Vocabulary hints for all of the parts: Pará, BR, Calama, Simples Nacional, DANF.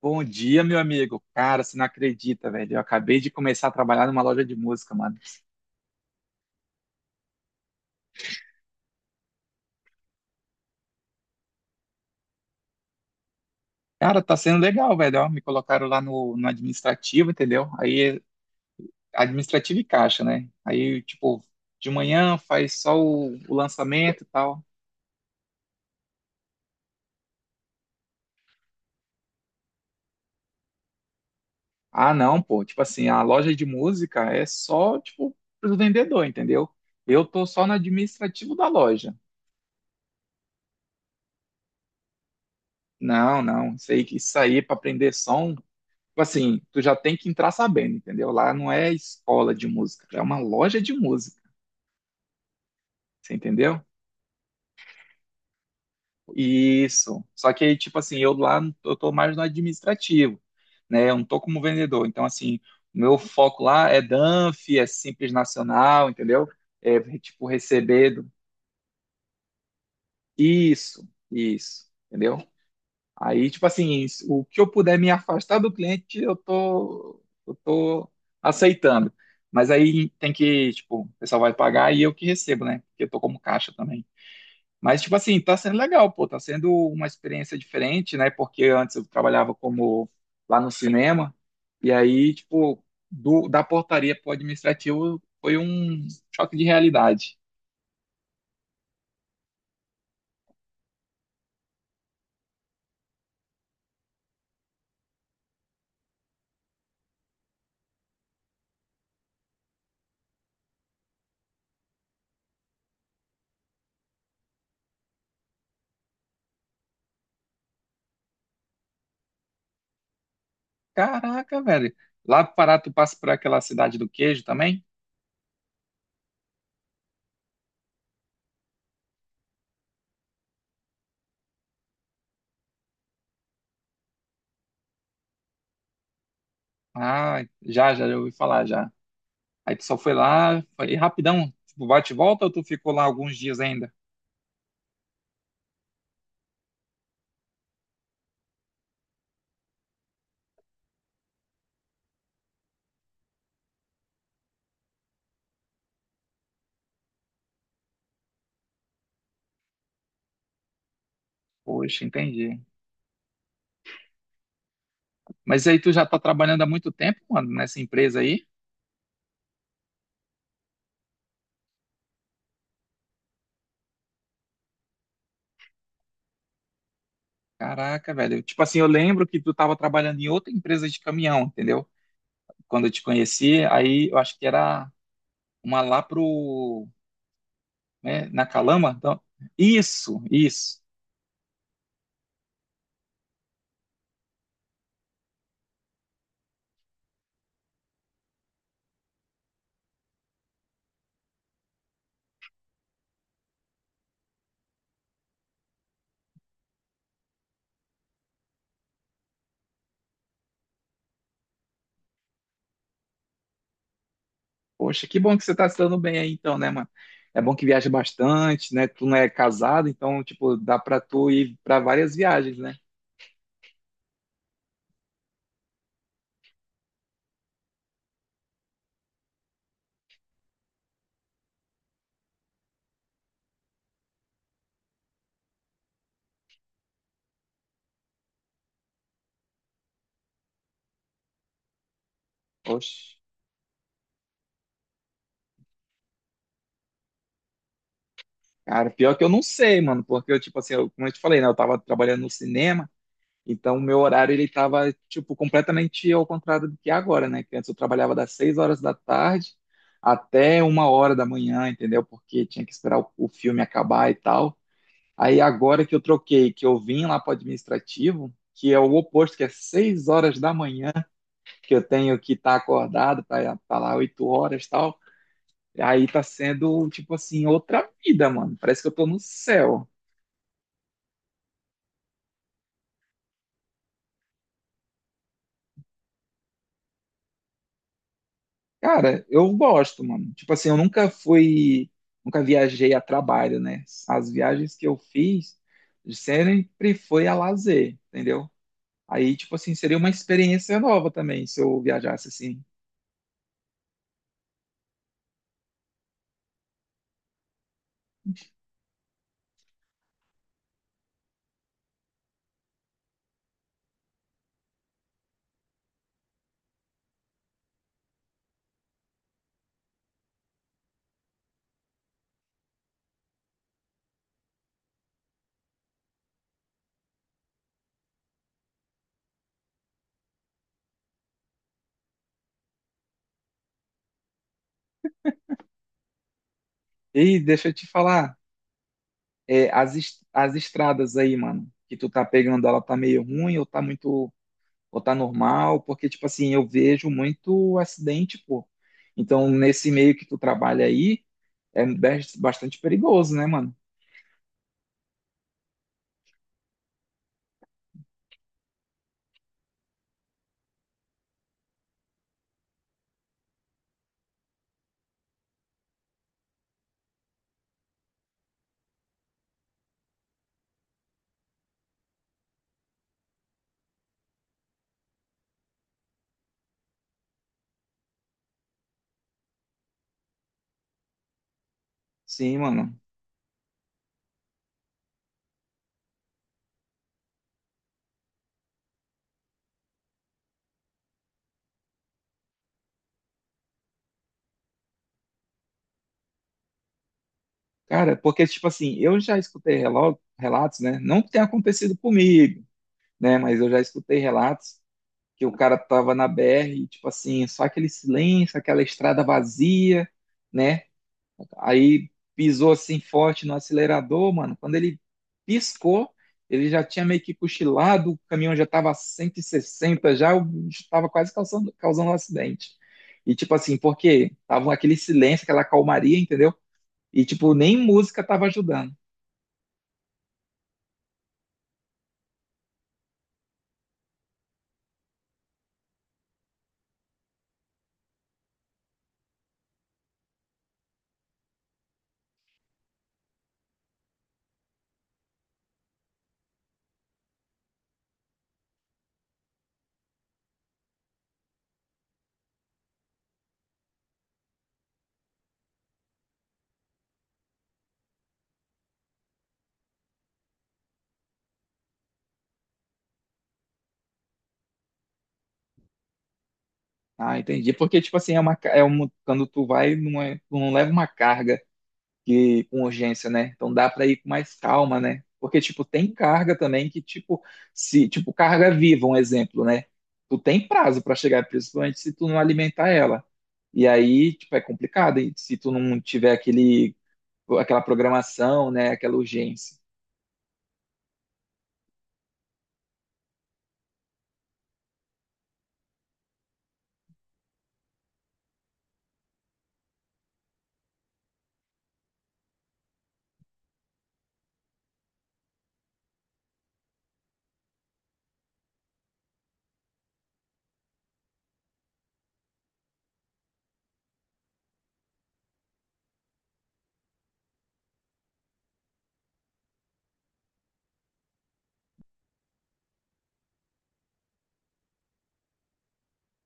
Bom dia, meu amigo. Cara, você não acredita, velho. Eu acabei de começar a trabalhar numa loja de música, mano. Cara, tá sendo legal, velho. Ó, me colocaram lá no administrativo, entendeu? Aí, administrativo e caixa, né? Aí, tipo, de manhã faz só o lançamento e tal. Ah, não, pô. Tipo assim, a loja de música é só, tipo, pro vendedor, entendeu? Eu tô só no administrativo da loja. Não, não. Isso aí é pra aprender som. Tipo assim, tu já tem que entrar sabendo, entendeu? Lá não é escola de música, é uma loja de música, você entendeu? Isso. Só que, tipo assim, eu lá eu tô mais no administrativo, né? Eu não tô como vendedor. Então, assim, o meu foco lá é DANF, é Simples Nacional, entendeu? É, tipo, receber. Isso, isso, entendeu? Aí, tipo assim, o que eu puder me afastar do cliente, eu tô aceitando. Mas aí tem que, tipo, o pessoal vai pagar e eu que recebo, né? Porque eu tô como caixa também. Mas, tipo assim, tá sendo legal, pô, tá sendo uma experiência diferente, né? Porque antes eu trabalhava como lá no cinema, e aí, tipo, da portaria pro administrativo foi um choque de realidade. Caraca, velho. Lá no Pará, tu passa por aquela cidade do queijo também? Ah, já, ouvi falar já. Aí tu só foi lá, foi rapidão, tipo, bate e volta ou tu ficou lá alguns dias ainda? Poxa, entendi. Mas aí tu já tá trabalhando há muito tempo, mano, nessa empresa aí? Caraca, velho. Tipo assim, eu lembro que tu tava trabalhando em outra empresa de caminhão, entendeu? Quando eu te conheci, aí eu acho que era uma lá pro, né, na Calama. Então, isso, isso. Poxa, que bom que você tá se dando bem aí então, né, mano? É bom que viaja bastante, né? Tu não é casado, então, tipo, dá pra tu ir pra várias viagens, né? Poxa, cara, pior que eu não sei, mano, porque eu, tipo assim, como eu te falei, né? Eu tava trabalhando no cinema, então o meu horário, ele tava, tipo, completamente ao contrário do que é agora, né? Que antes eu trabalhava das seis horas da tarde até uma hora da manhã, entendeu? Porque tinha que esperar o filme acabar e tal. Aí agora que eu troquei, que eu vim lá para o administrativo, que é o oposto, que é 6 horas da manhã, que eu tenho que estar acordado para estar lá 8 horas e tal. Aí tá sendo, tipo assim, outra vida, mano. Parece que eu tô no céu. Cara, eu gosto, mano. Tipo assim, eu nunca fui, nunca viajei a trabalho, né? As viagens que eu fiz sempre foi a lazer, entendeu? Aí, tipo assim, seria uma experiência nova também se eu viajasse assim. E deixa eu te falar, é, as estradas aí, mano, que tu tá pegando, ela tá meio ruim ou tá muito, ou tá normal? Porque, tipo assim, eu vejo muito acidente, pô. Então, nesse meio que tu trabalha aí, é bastante perigoso, né, mano? Sim, mano. Cara, porque, tipo assim, eu já escutei relatos, né? Não que tenha acontecido comigo, né? Mas eu já escutei relatos que o cara tava na BR, e, tipo assim, só aquele silêncio, aquela estrada vazia, né? Aí pisou assim forte no acelerador, mano. Quando ele piscou, ele já tinha meio que cochilado, o caminhão já estava a 160, já estava quase causando um acidente. E tipo assim, porque tava aquele silêncio, aquela calmaria, entendeu? E tipo, nem música tava ajudando. Ah, entendi. Porque tipo assim, é uma, é um, quando tu vai, não, é, tu não leva uma carga que com urgência, né? Então dá para ir com mais calma, né? Porque tipo tem carga também que tipo se tipo carga viva, um exemplo, né? Tu tem prazo para chegar, principalmente se tu não alimentar ela. E aí, tipo, é complicado, e se tu não tiver aquele aquela programação, né, aquela urgência.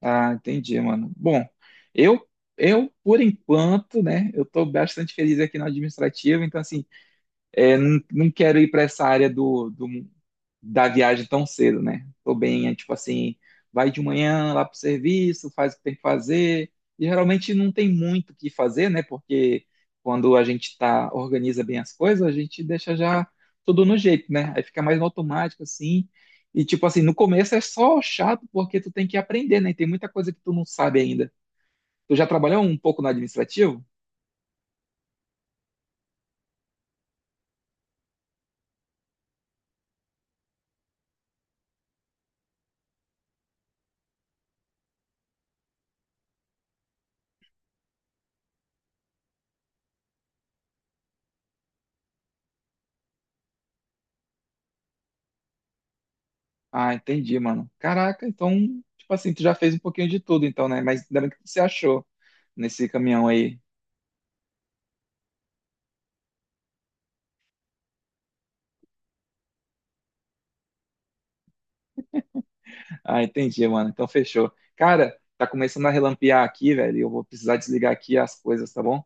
Ah, entendi, mano. Bom, eu eu por enquanto, né, eu tô bastante feliz aqui na administrativa, então assim, é, não, não quero ir para essa área da viagem tão cedo, né? Tô bem, é tipo assim, vai de manhã lá pro serviço, faz o que tem que fazer. E geralmente não tem muito o que fazer, né? Porque quando a gente tá, organiza bem as coisas, a gente deixa já tudo no jeito, né? Aí fica mais no automático, assim. E tipo assim, no começo é só chato porque tu tem que aprender, né? Tem muita coisa que tu não sabe ainda. Tu já trabalhou um pouco no administrativo? Ah, entendi, mano. Caraca, então, tipo assim, tu já fez um pouquinho de tudo, então, né? Mas ainda bem que você achou nesse caminhão aí. Ah, entendi, mano. Então, fechou. Cara, tá começando a relampear aqui, velho. Eu vou precisar desligar aqui as coisas, tá bom?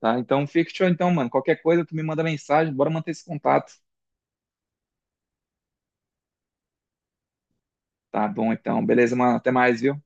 Tá, então fica show, então, mano. Qualquer coisa, tu me manda mensagem. Bora manter esse contato. Tá bom, então. Beleza, mano. Até mais, viu?